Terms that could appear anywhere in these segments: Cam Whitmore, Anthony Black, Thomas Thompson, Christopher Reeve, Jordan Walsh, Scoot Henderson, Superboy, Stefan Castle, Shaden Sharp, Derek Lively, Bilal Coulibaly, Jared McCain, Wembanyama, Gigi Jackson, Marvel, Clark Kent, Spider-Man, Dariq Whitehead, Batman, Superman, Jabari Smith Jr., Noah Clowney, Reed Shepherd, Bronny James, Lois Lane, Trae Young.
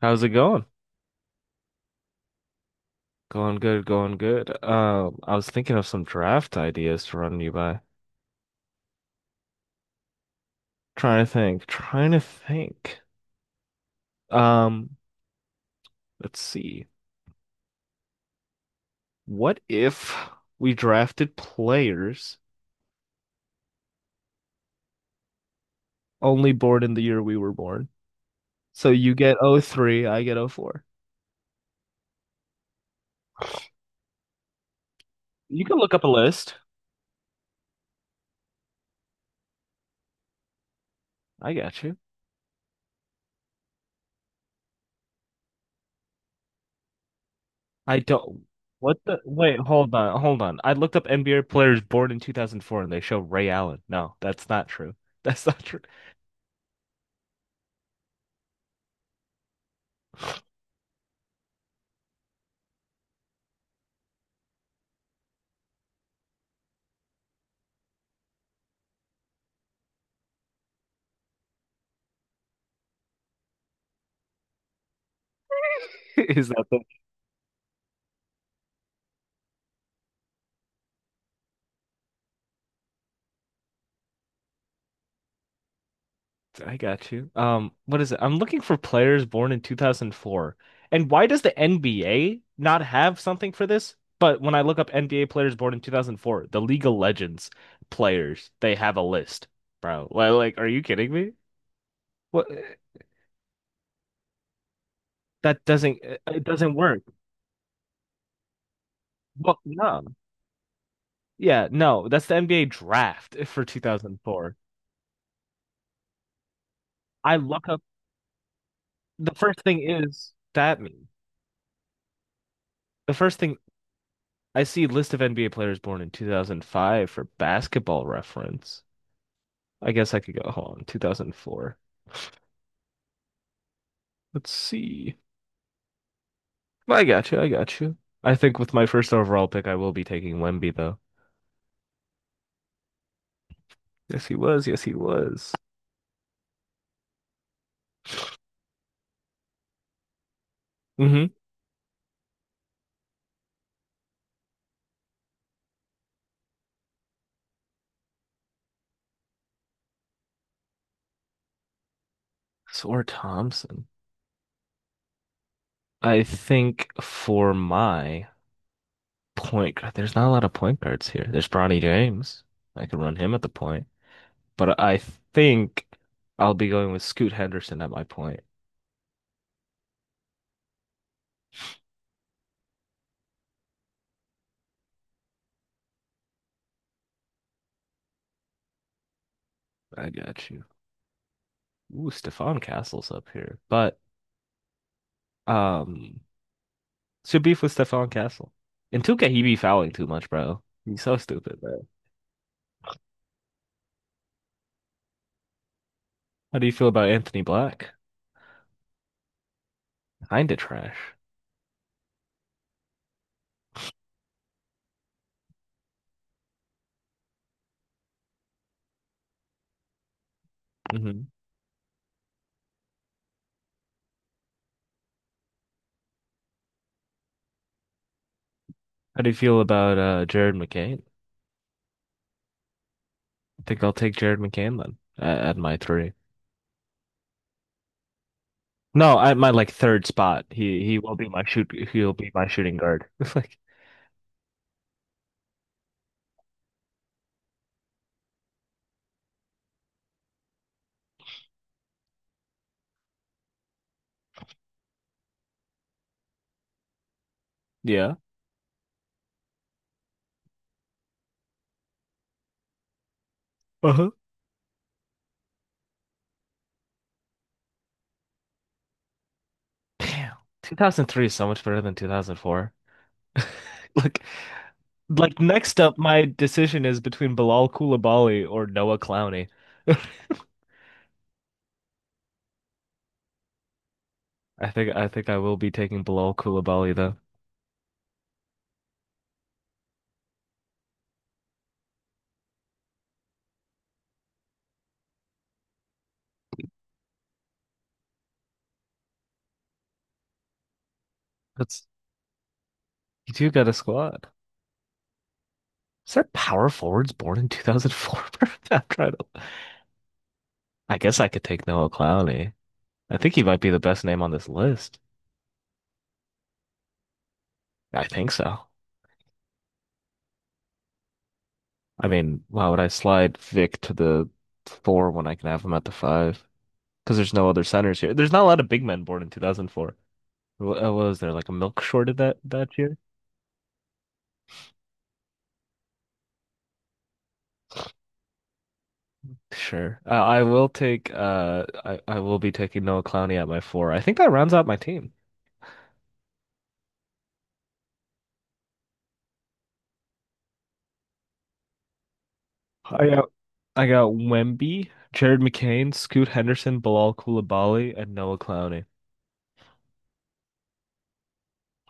How's it going? Going good, going good. I was thinking of some draft ideas to run you by. Trying to think, trying to think. Um, let's see. What if we drafted players only born in the year we were born? So you get O three. I get O four. You can look up a list. I got you. I don't. What the? Wait, hold on, hold on. I looked up NBA players born in 2004 and they show Ray Allen. No, that's not true. That's not true. Is that the? I got you. What is it? I'm looking for players born in 2004. And why does the NBA not have something for this? But when I look up NBA players born in 2004, the League of Legends players, they have a list, bro. Like, are you kidding me? What? That doesn't it doesn't work. Well, no. Yeah, no. That's the NBA draft for 2004. I look up The first thing is that meme. The first thing I see list of NBA players born in 2005 for basketball reference. I guess I could go, hold on, 2004. Let's see. I got you. I got you. I think with my first overall pick, I will be taking Wemby, though. Yes, he was. Yes, he was. Mm-hmm. Sor Thompson. I think for my point guard, there's not a lot of point guards here. There's Bronny James. I could run him at the point, but I think I'll be going with Scoot Henderson at my point. I got you. Ooh, Stefan Castle's up here, but um what's your beef with Stefan Castle? In 2K, he be fouling too much, bro. He's so stupid, bro. How do you feel about Anthony Black? Kinda trash. Hmm. How do you feel about Jared McCain? I think I'll take Jared McCain then at my three. No, at my like third spot. He'll be my shooting guard. It's like yeah. Uh-huh. Damn. 2003 is so much better than 2004. Look. Like next up, my decision is between Bilal Coulibaly or Noah Clowney. I think I will be taking Bilal Coulibaly though. That's You do got a squad. Is there power forwards born in 2004? I'm trying to. I guess I could take Noah Clowney. I think he might be the best name on this list. I think so. I mean, why would I slide Vic to the four when I can have him at the five? Because there's no other centers here. There's not a lot of big men born in 2004. Wh- uh, What was there like a milk short of that year? Sure. I will be taking Noah Clowney at my four. I think that rounds out my team. I got I got Wemby, Jared McCain, Scoot Henderson, Bilal Coulibaly, and Noah Clowney.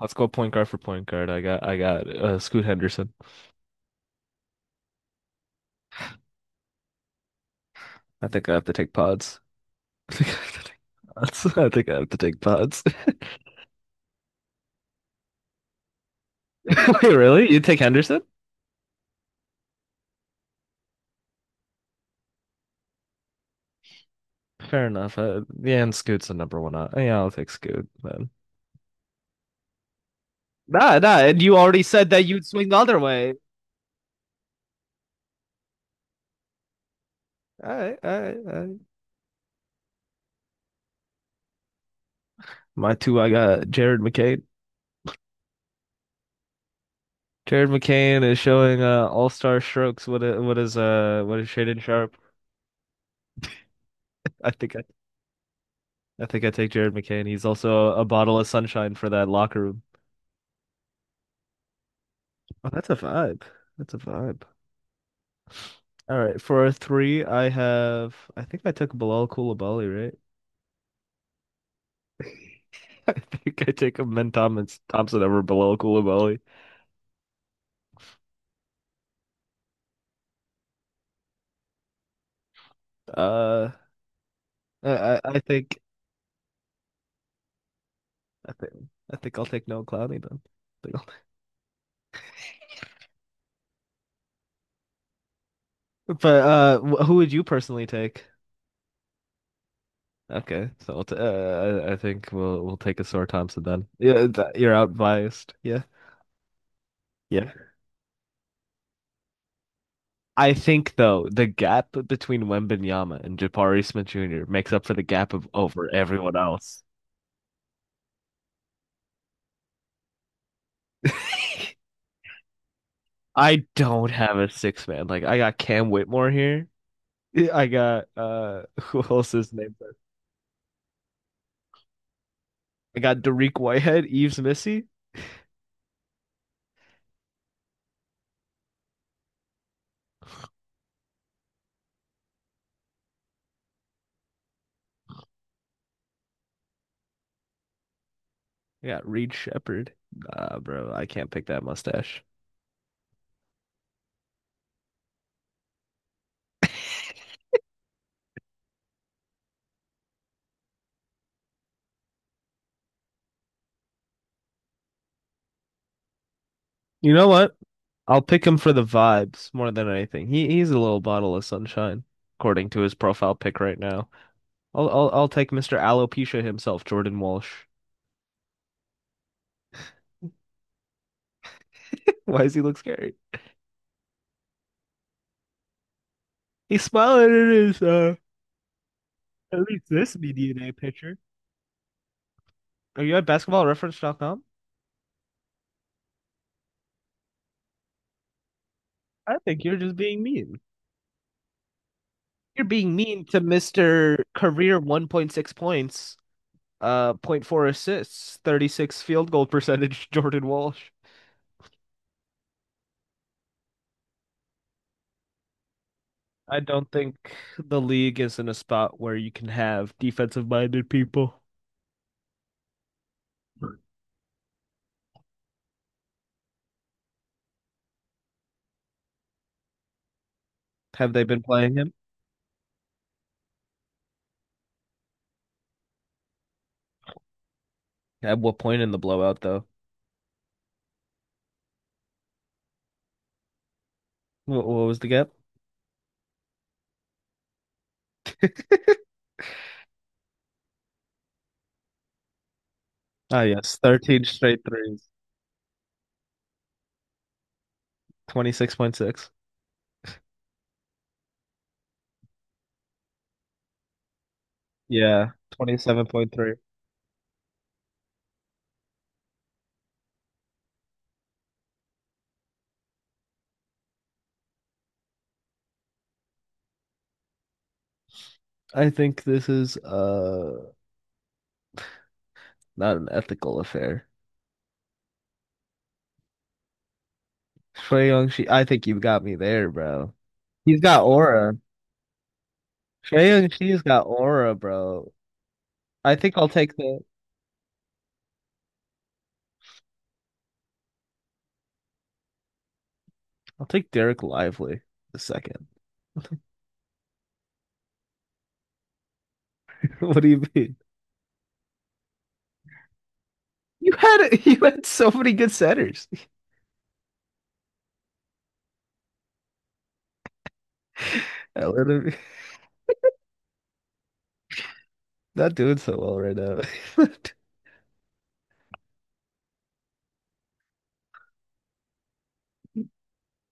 Let's go point guard for point guard. I got Scoot Henderson. I think I have to take pods. I think I have to take pods. I think I have to take pods. Wait, really? You take Henderson? Fair enough. Yeah, and Scoot's the number one. Out. Yeah, I'll take Scoot then. Nah, nah, and you already said that you'd swing the other way. All right, all right, all right. My two, I got Jared McCain. Jared McCain is showing all-star strokes. What is Shaden Sharp? I think I, I think I take Jared McCain. He's also a bottle of sunshine for that locker room. Oh, that's a vibe. That's a vibe. All right, for a three, I have. I think I took Bilal Coulibaly, right? I think I take him, then Thomas Thompson over Bilal Coulibaly. Uh, I I I think I think I think I'll take Noah Clowney then. I think But wh- who would you personally take? Okay, so we'll t I think we'll take a sore Thompson then. Yeah, th you're out biased. Yeah, yeah. I think though the gap between Wembanyama and Jabari Smith Jr. makes up for the gap of over everyone else. I don't have a six man. Like I got Cam Whitmore here. Yeah, I got who else is named there? I got Dariq Whitehead, Eves Missy. I got Reed Shepherd. Nah, bro, I can't pick that mustache. You know what? I'll pick him for the vibes more than anything. He's a little bottle of sunshine, according to his profile pic right now. I'll take Mr. Alopecia himself, Jordan Walsh. Why does he look scary? He's smiling in his at least this DNA picture. Are you at basketballreference.com? I think you're just being mean. You're being mean to Mr. Career 1.6 points, zero point 0.4 assists, 36 field goal percentage, Jordan Walsh. I don't think the league is in a spot where you can have defensive minded people. Have they been playing him? At what point in the blowout, though? What was the gap? Ah, yes, 13 straight threes, 26.6. Yeah, 27.3. I think this is not an ethical affair. Trae Young, she, I think you have got me there, bro. He's got aura. Trae Young, she's got aura, bro. I think I'll take the I'll take Derek Lively the second. What do you mean? You had you had so many good centers. Atlanta not doing so well right now.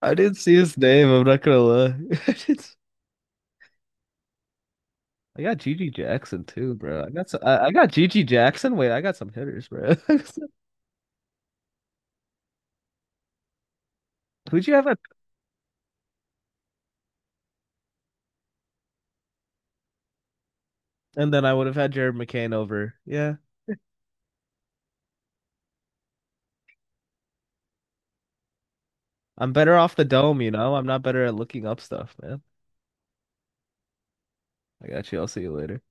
I didn't see his name. I'm not gonna lie. I, didn't- I got Gigi Jackson too, bro. I got Gigi Jackson. Wait, I got some hitters, bro. Who'd you have? At, and then I would have had Jared McCain over. Yeah, I'm better off the dome. You know, I'm not better at looking up stuff, man. I got you. I'll see you later.